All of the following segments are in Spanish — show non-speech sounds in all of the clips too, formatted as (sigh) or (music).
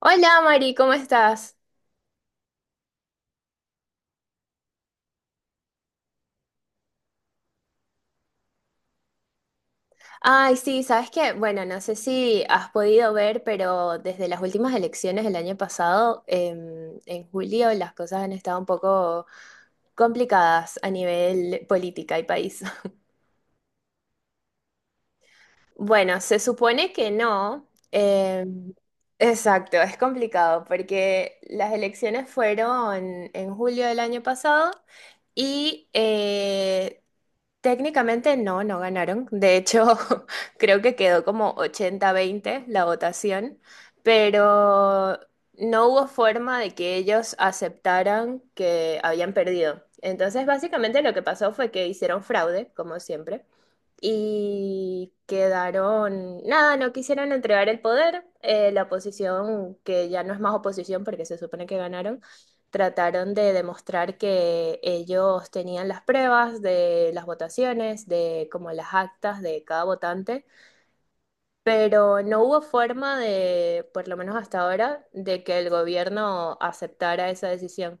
Hola Mari, ¿cómo estás? Ay, sí, sabes que, bueno, no sé si has podido ver, pero desde las últimas elecciones del año pasado, en julio, las cosas han estado un poco complicadas a nivel política y país. (laughs) Bueno, se supone que no. Exacto, es complicado porque las elecciones fueron en julio del año pasado. Y técnicamente no ganaron. De hecho, (laughs) creo que quedó como 80-20 la votación, pero no hubo forma de que ellos aceptaran que habían perdido. Entonces, básicamente lo que pasó fue que hicieron fraude, como siempre, y quedaron, nada, no quisieron entregar el poder. La oposición, que ya no es más oposición porque se supone que ganaron, trataron de demostrar que ellos tenían las pruebas de las votaciones, de como las actas de cada votante, pero no hubo forma de, por lo menos hasta ahora, de que el gobierno aceptara esa decisión.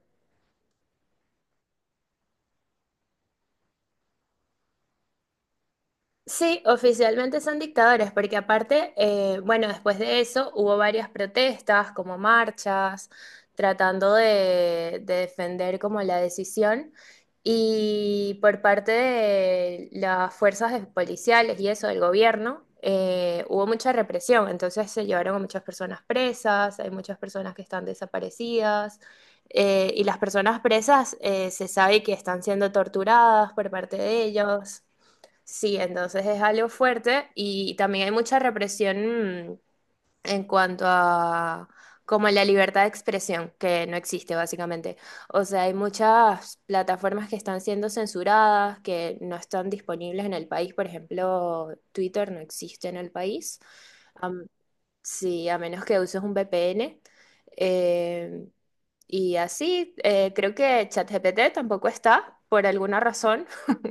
Sí, oficialmente son dictadores, porque aparte, bueno, después de eso hubo varias protestas, como marchas, tratando de defender como la decisión. Y por parte de las fuerzas policiales y eso del gobierno, hubo mucha represión. Entonces se llevaron a muchas personas presas, hay muchas personas que están desaparecidas. Y las personas presas se sabe que están siendo torturadas por parte de ellos. Sí, entonces es algo fuerte y también hay mucha represión, en cuanto a como la libertad de expresión, que no existe básicamente. O sea, hay muchas plataformas que están siendo censuradas, que no están disponibles en el país. Por ejemplo, Twitter no existe en el país. Am- sí, a menos que uses un VPN. Eh, y así, creo que ChatGPT tampoco está por alguna razón. (laughs)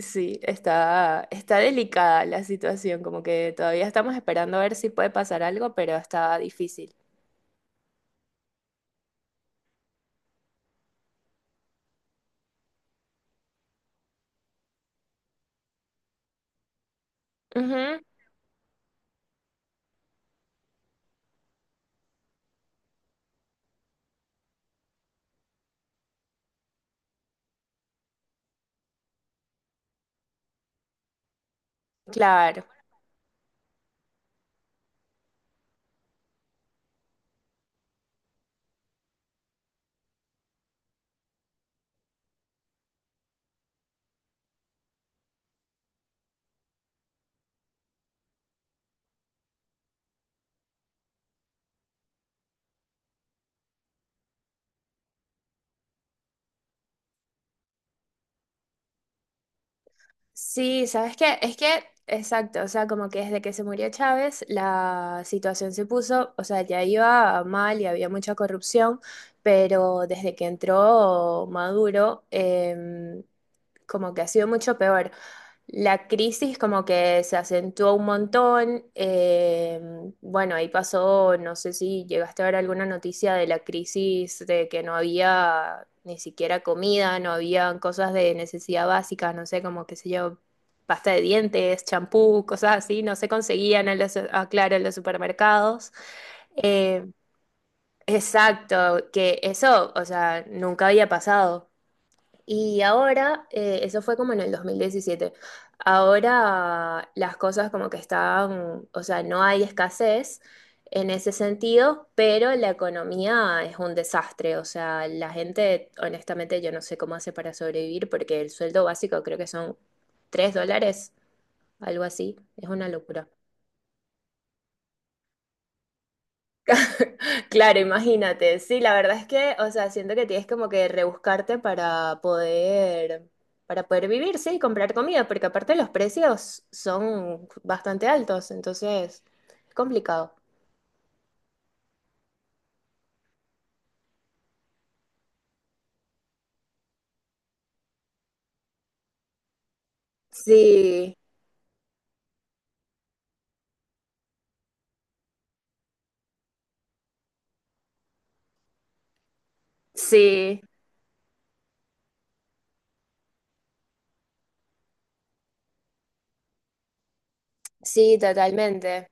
Sí, está delicada la situación, como que todavía estamos esperando a ver si puede pasar algo, pero está difícil. Ujú, claro. Sí, ¿sabes qué? Es que, exacto, o sea, como que desde que se murió Chávez, la situación se puso, o sea, ya iba mal y había mucha corrupción, pero desde que entró Maduro, como que ha sido mucho peor. La crisis como que se acentuó un montón. Bueno, ahí pasó, no sé si llegaste a ver alguna noticia de la crisis de que no había ni siquiera comida, no había cosas de necesidad básica, no sé, como qué sé yo, pasta de dientes, champú, cosas así, no se conseguían en los, ah, claro, en los supermercados. Eh, exacto, que eso, o sea, nunca había pasado. Y ahora, eso fue como en el 2017. Ahora las cosas como que están, o sea, no hay escasez en ese sentido, pero la economía es un desastre, o sea, la gente, honestamente, yo no sé cómo hace para sobrevivir porque el sueldo básico creo que son $3, algo así, es una locura. (laughs) Claro, imagínate. Sí, la verdad es que, o sea, siento que tienes como que rebuscarte para poder vivir, sí, y comprar comida, porque aparte los precios son bastante altos, entonces es complicado. Sí, sí, sí, totalmente.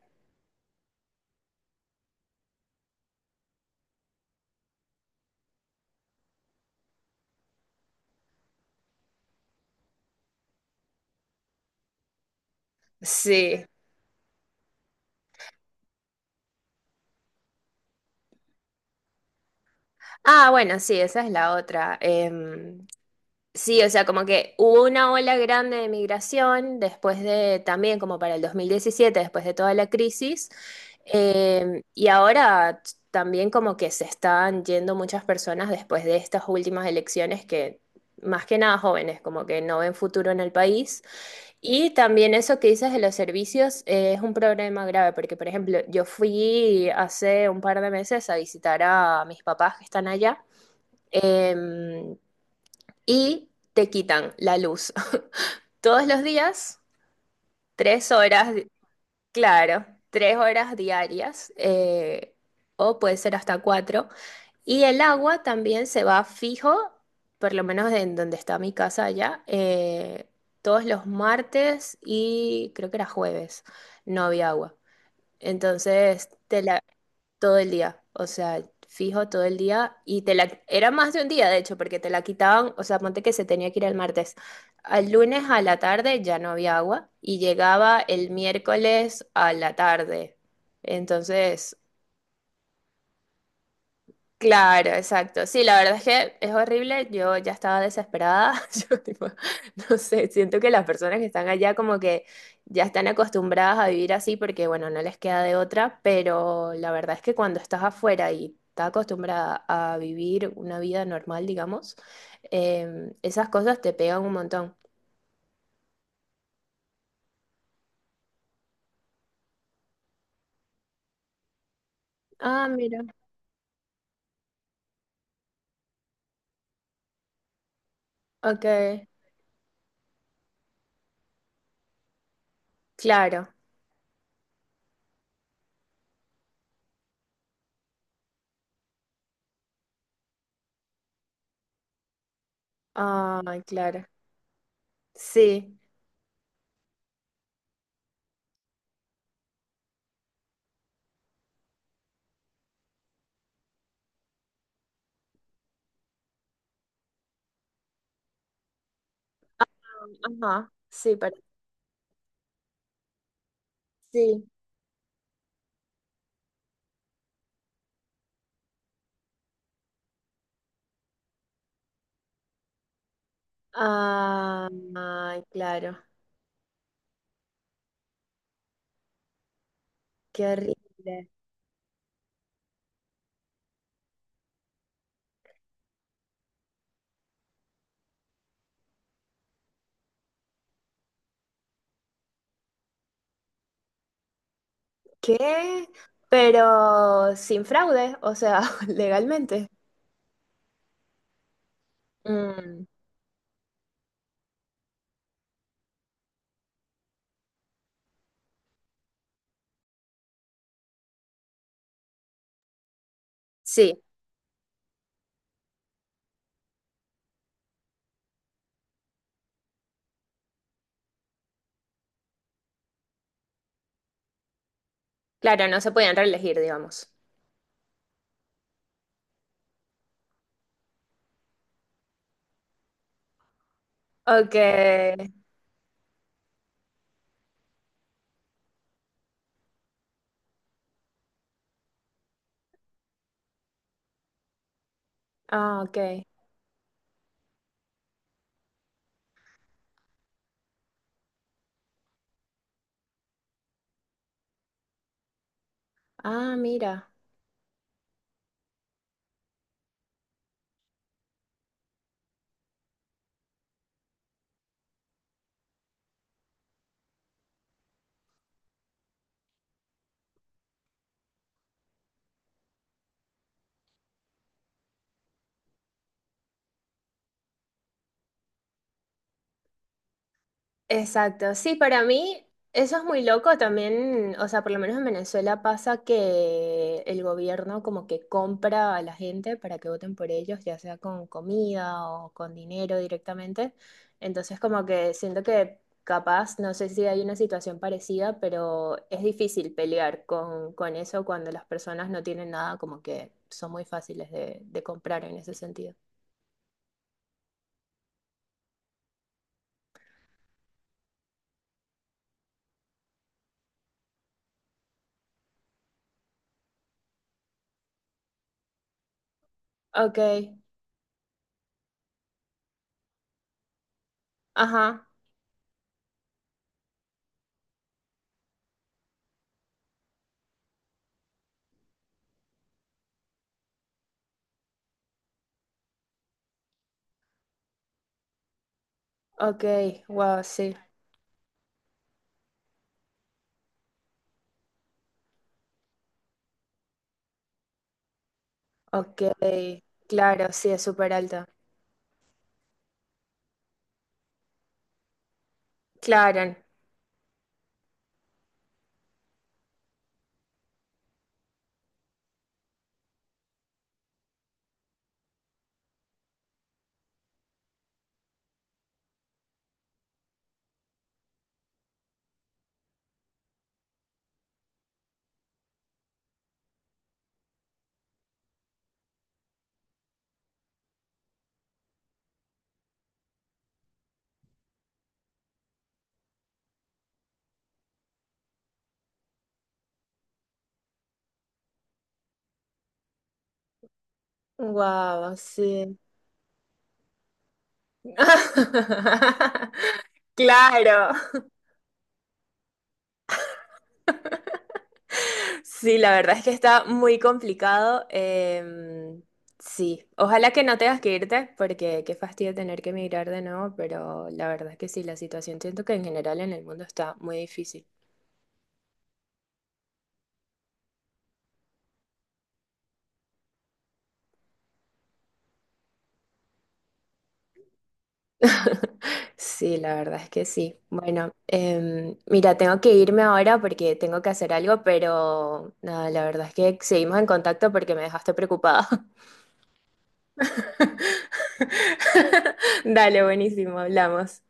Sí. Ah, bueno, sí, esa es la otra. Sí, o sea, como que hubo una ola grande de migración después de, también como para el 2017 después de toda la crisis, y ahora también como que se están yendo muchas personas después de estas últimas elecciones que, más que nada jóvenes, como que no ven futuro en el país. Y también eso que dices de los servicios es un problema grave, porque por ejemplo, yo fui hace un par de meses a visitar a mis papás que están allá. Em, y te quitan la luz. (laughs) Todos los días, 3 horas, claro, tres horas diarias, o puede ser hasta cuatro. Y el agua también se va fijo, por lo menos en donde está mi casa allá, todos los martes y creo que era jueves, no había agua. Entonces, te la todo el día, o sea, fijo todo el día y te la era más de un día de hecho, porque te la quitaban, o sea, ponte que se tenía que ir el martes. Al lunes a la tarde ya no había agua y llegaba el miércoles a la tarde. Entonces, claro, exacto. Sí, la verdad es que es horrible. Yo ya estaba desesperada. (laughs) Yo, tipo, no sé, siento que las personas que están allá como que ya están acostumbradas a vivir así porque, bueno, no les queda de otra, pero la verdad es que cuando estás afuera y estás acostumbrada a vivir una vida normal, digamos, esas cosas te pegan un montón. Ah, mira. Ok, claro. Ah, claro. Sí. Ajá, sí, para... Sí. Ah, ay, claro. Qué horrible. ¿Qué? Pero sin fraude, o sea, (laughs) legalmente. Mm, sí, claro, no se podían reelegir, digamos. Ok. Ah, ok. Ah, mira. Exacto, sí, para mí eso es muy loco también, o sea, por lo menos en Venezuela pasa que el gobierno como que compra a la gente para que voten por ellos, ya sea con comida o con dinero directamente. Entonces como que siento que capaz, no sé si hay una situación parecida, pero es difícil pelear con eso cuando las personas no tienen nada, como que son muy fáciles de comprar en ese sentido. Ok, ajá, ok, wow, sí. Ok, claro, sí, es súper alto. Claro, wow, sí. (laughs) Claro. (laughs) Sí, la verdad es que está muy complicado. Sí, ojalá que no tengas que irte, porque qué fastidio tener que emigrar de nuevo, pero la verdad es que sí, la situación siento que en general en el mundo está muy difícil. (laughs) Sí, la verdad es que sí. Bueno, mira, tengo que irme ahora porque tengo que hacer algo, pero nada, la verdad es que seguimos en contacto porque me dejaste preocupada. (laughs) Dale, buenísimo, hablamos.